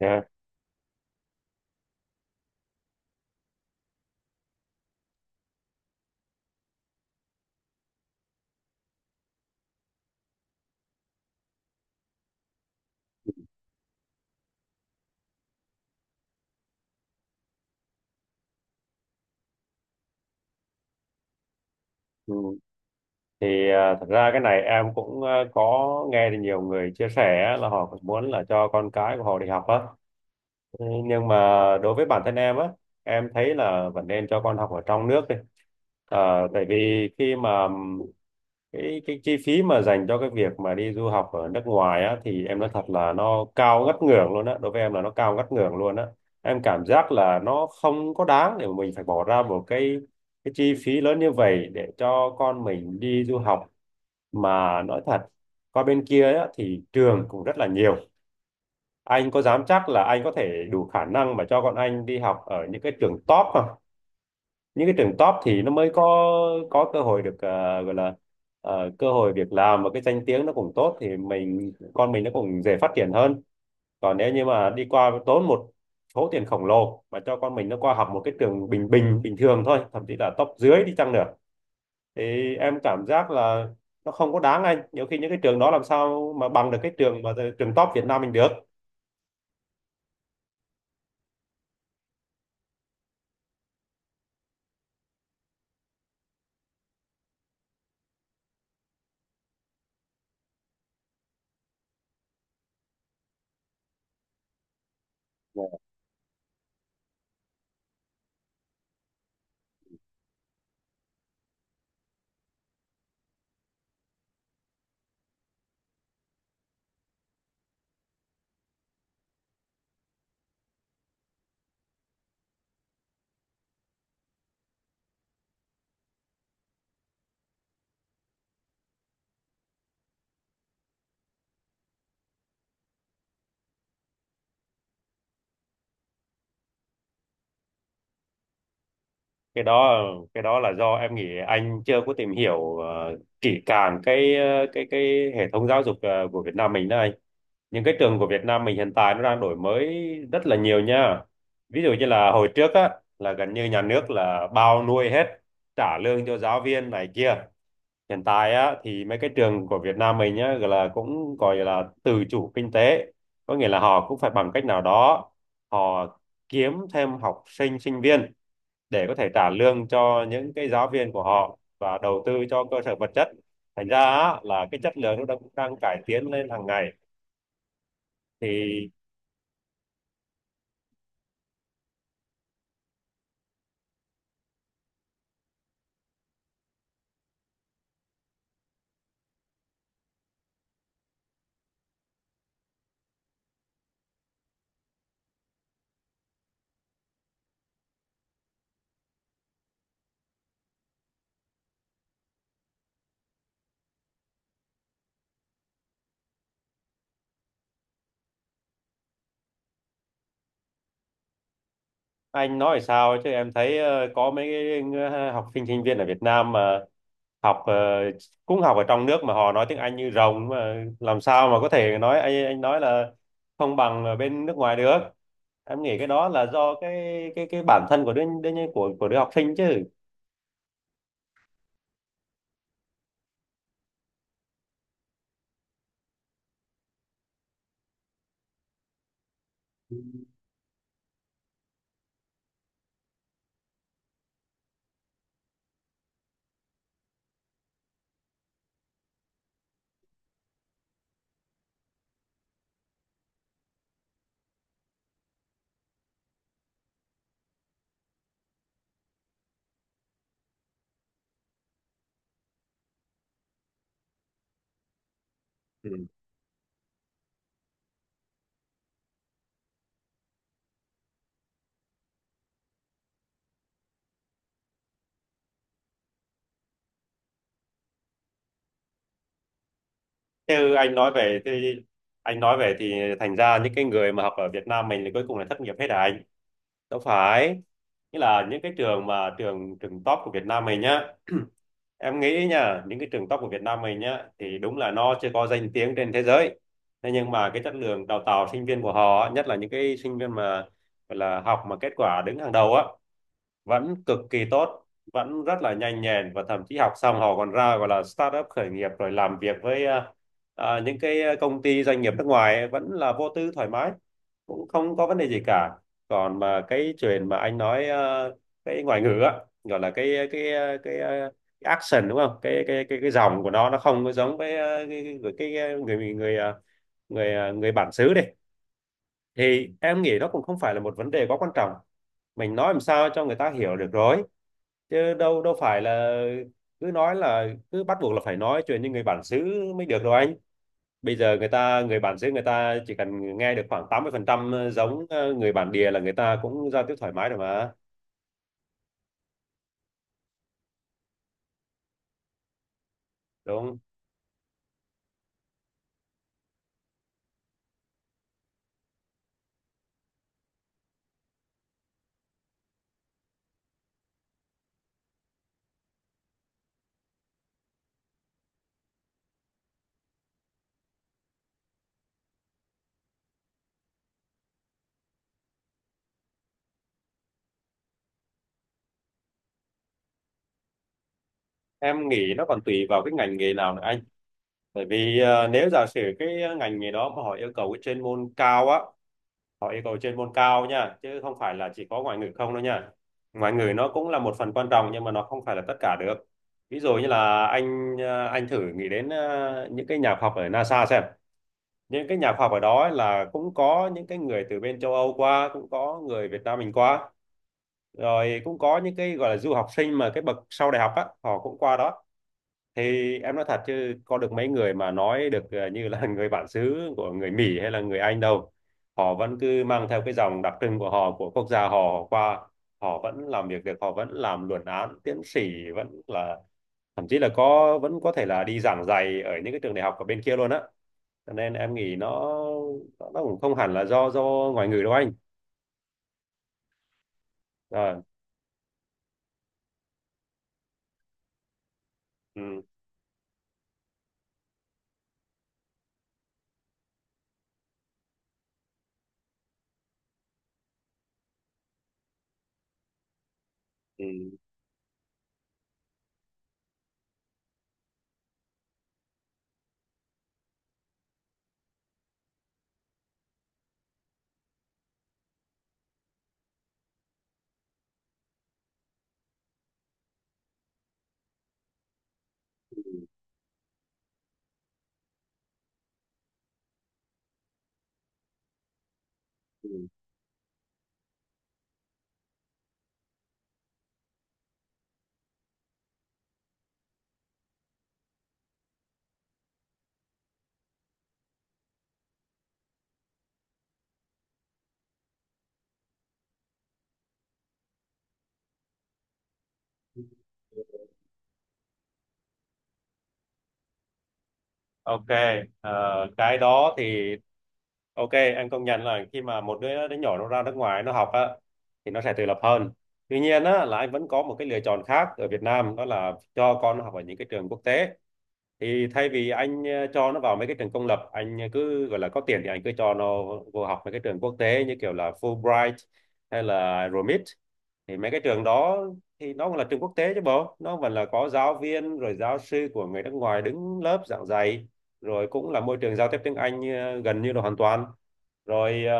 Yeah. Ừ. Thì thật ra cái này em cũng có nghe được nhiều người chia sẻ á, là họ cũng muốn là cho con cái của họ đi học á. Ừ, nhưng mà đối với bản thân em á, em thấy là vẫn nên cho con học ở trong nước đi. Tại vì khi mà cái chi phí mà dành cho cái việc mà đi du học ở nước ngoài á, thì em nói thật là nó cao ngất ngưởng luôn á, đối với em là nó cao ngất ngưởng luôn á. Em cảm giác là nó không có đáng để mà mình phải bỏ ra một cái chi phí lớn như vậy để cho con mình đi du học. Mà nói thật, qua bên kia á thì trường cũng rất là nhiều, anh có dám chắc là anh có thể đủ khả năng mà cho con anh đi học ở những cái trường top không? Những cái trường top thì nó mới có cơ hội được gọi là cơ hội việc làm, và cái danh tiếng nó cũng tốt thì mình con mình nó cũng dễ phát triển hơn. Còn nếu như mà đi qua tốn một số tiền khổng lồ mà cho con mình nó qua học một cái trường bình bình bình thường thôi, thậm chí là top dưới đi chăng nữa, thì em cảm giác là nó không có đáng anh. Nhiều khi những cái trường đó làm sao mà bằng được cái trường mà trường top Việt Nam mình được. cái đó cái đó là do em nghĩ anh chưa có tìm hiểu kỹ càng cái cái hệ thống giáo dục của Việt Nam mình đây. Những cái trường của Việt Nam mình hiện tại nó đang đổi mới rất là nhiều nha. Ví dụ như là hồi trước á, là gần như nhà nước là bao nuôi hết, trả lương cho giáo viên này kia. Hiện tại á thì mấy cái trường của Việt Nam mình nhá gọi là tự chủ kinh tế, có nghĩa là họ cũng phải bằng cách nào đó họ kiếm thêm học sinh sinh viên để có thể trả lương cho những cái giáo viên của họ và đầu tư cho cơ sở vật chất. Thành ra á, là cái chất lượng nó đang cải tiến lên hàng ngày. Thì anh nói sao chứ em thấy có mấy cái học sinh sinh viên ở Việt Nam mà học ờ, cũng học ở trong nước mà họ nói tiếng Anh như rồng, mà làm sao mà có thể nói anh nói là không bằng ở bên nước ngoài được. Em nghĩ cái đó là do cái cái bản thân của đứa, đứa của đứa học sinh chứ. Ừ. Thế anh nói về thì thành ra những cái người mà học ở Việt Nam mình thì cuối cùng là thất nghiệp hết à anh? Đâu phải. Nghĩa là những cái trường mà trường trường top của Việt Nam mình nhá. Em nghĩ nha, những cái trường top của Việt Nam mình nhá thì đúng là nó chưa có danh tiếng trên thế giới. Thế nhưng mà cái chất lượng đào tạo sinh viên của họ, á, nhất là những cái sinh viên mà gọi là học mà kết quả đứng hàng đầu á, vẫn cực kỳ tốt, vẫn rất là nhanh nhẹn, và thậm chí học xong họ còn ra gọi là startup khởi nghiệp rồi làm việc với những cái công ty doanh nghiệp nước ngoài ấy, vẫn là vô tư thoải mái, cũng không có vấn đề gì cả. Còn mà cái chuyện mà anh nói cái ngoại ngữ á, gọi là cái action đúng không, cái dòng của nó không có giống với à, cái người người à, người à, người bản xứ đi, thì em nghĩ nó cũng không phải là một vấn đề quá quan trọng. Mình nói làm sao cho người ta hiểu được rồi, chứ đâu đâu phải là cứ nói là cứ bắt buộc là phải nói chuyện như người bản xứ mới được đâu anh. Bây giờ người bản xứ người ta chỉ cần nghe được khoảng 80% giống người bản địa là người ta cũng giao tiếp thoải mái rồi mà, đúng không? Em nghĩ nó còn tùy vào cái ngành nghề nào nữa anh. Bởi vì nếu giả sử cái ngành nghề đó mà họ yêu cầu cái chuyên môn cao á, họ yêu cầu chuyên môn cao nha, chứ không phải là chỉ có ngoại ngữ không đâu nha. Ngoại ngữ nó cũng là một phần quan trọng nhưng mà nó không phải là tất cả được. Ví dụ như là anh thử nghĩ đến những cái nhà khoa học ở NASA xem. Những cái nhà khoa học ở đó ấy là cũng có những cái người từ bên châu Âu qua, cũng có người Việt Nam mình qua, rồi cũng có những cái gọi là du học sinh mà cái bậc sau đại học á họ cũng qua đó. Thì em nói thật chứ có được mấy người mà nói được như là người bản xứ của người Mỹ hay là người Anh đâu. Họ vẫn cứ mang theo cái dòng đặc trưng của họ, của quốc gia họ qua. Họ vẫn làm việc được, họ vẫn làm luận án, tiến sĩ, vẫn là thậm chí là có vẫn có thể là đi giảng dạy ở những cái trường đại học ở bên kia luôn á. Cho nên em nghĩ nó cũng không hẳn là do ngoại ngữ đâu anh. Rồi. Ừ. Ừ. Ừ. Ok, ờ, cái đó thì, ok, anh công nhận là khi mà một đứa đứa nhỏ nó ra nước ngoài nó học á thì nó sẽ tự lập hơn. Tuy nhiên á, là anh vẫn có một cái lựa chọn khác ở Việt Nam đó là cho con nó học ở những cái trường quốc tế. Thì thay vì anh cho nó vào mấy cái trường công lập, anh cứ gọi là có tiền thì anh cứ cho nó vô học mấy cái trường quốc tế như kiểu là Fulbright hay là ROMIT. Thì mấy cái trường đó thì nó cũng là trường quốc tế chứ bộ, nó vẫn là có giáo viên rồi giáo sư của người nước ngoài đứng lớp giảng dạy, rồi cũng là môi trường giao tiếp tiếng Anh gần như là hoàn toàn, rồi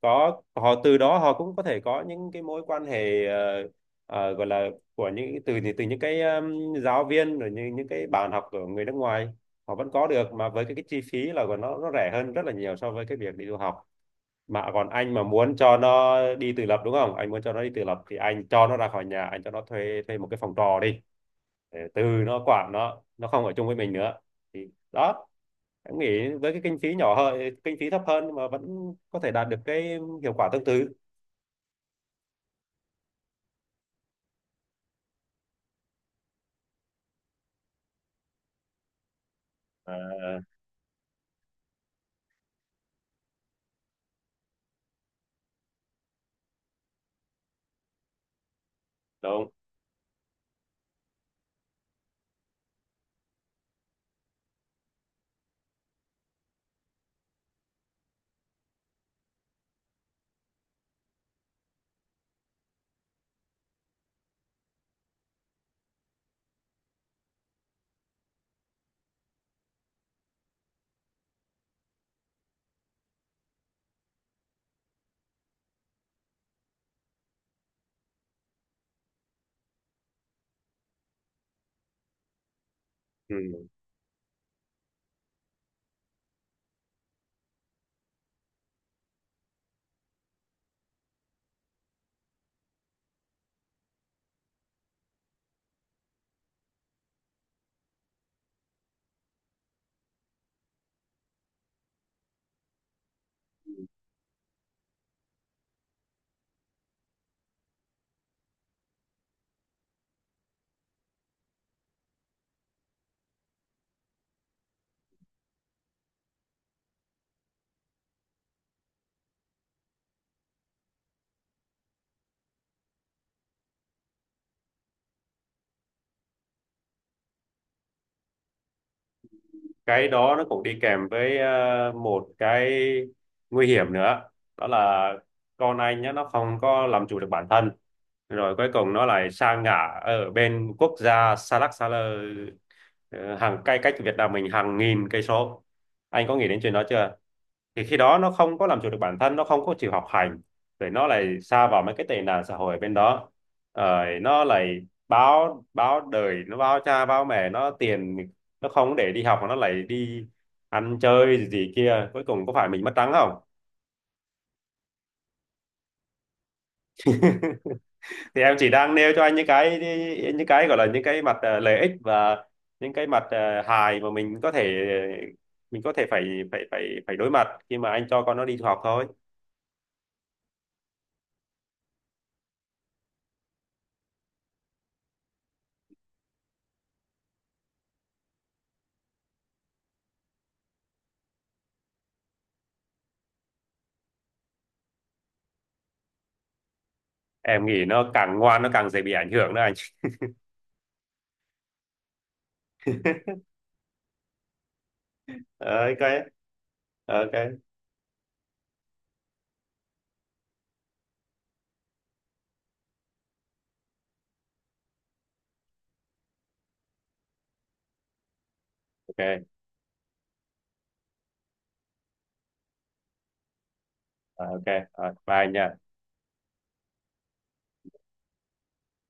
có họ từ đó họ cũng có thể có những cái mối quan hệ gọi là, của những từ từ những cái giáo viên, rồi những cái bạn học của người nước ngoài họ vẫn có được mà, với cái chi phí là của nó rẻ hơn rất là nhiều so với cái việc đi du học. Mà còn anh mà muốn cho nó đi tự lập đúng không, anh muốn cho nó đi tự lập thì anh cho nó ra khỏi nhà, anh cho nó thuê thuê một cái phòng trọ đi, để từ nó quản nó không ở chung với mình nữa, thì đó, em nghĩ với cái kinh phí nhỏ hơn, kinh phí thấp hơn mà vẫn có thể đạt được cái hiệu quả tương tự. à, Đúng. Ừ. Cái đó nó cũng đi kèm với một cái nguy hiểm nữa, đó là con anh nhá nó không có làm chủ được bản thân rồi cuối cùng nó lại sa ngã ở bên quốc gia xa lắc xa lơ, hàng cây cách Việt Nam mình hàng nghìn cây số. Anh có nghĩ đến chuyện đó chưa? Thì khi đó nó không có làm chủ được bản thân, nó không có chịu học hành rồi nó lại sa vào mấy cái tệ nạn xã hội ở bên đó, rồi nó lại báo báo đời, nó báo cha báo mẹ nó tiền, nó không để đi học mà nó lại đi ăn chơi gì, gì kia, cuối cùng có phải mình mất trắng không? Thì em chỉ đang nêu cho anh những cái, những cái gọi là những cái mặt lợi ích và những cái mặt hài mà mình có thể, mình có thể phải phải phải phải đối mặt khi mà anh cho con nó đi học thôi. Em nghĩ nó càng ngoan nó càng dễ bị ảnh hưởng đó anh. Ờ, ok, ok, ok, ok. Ờ, ok. Rồi, bye anh nha.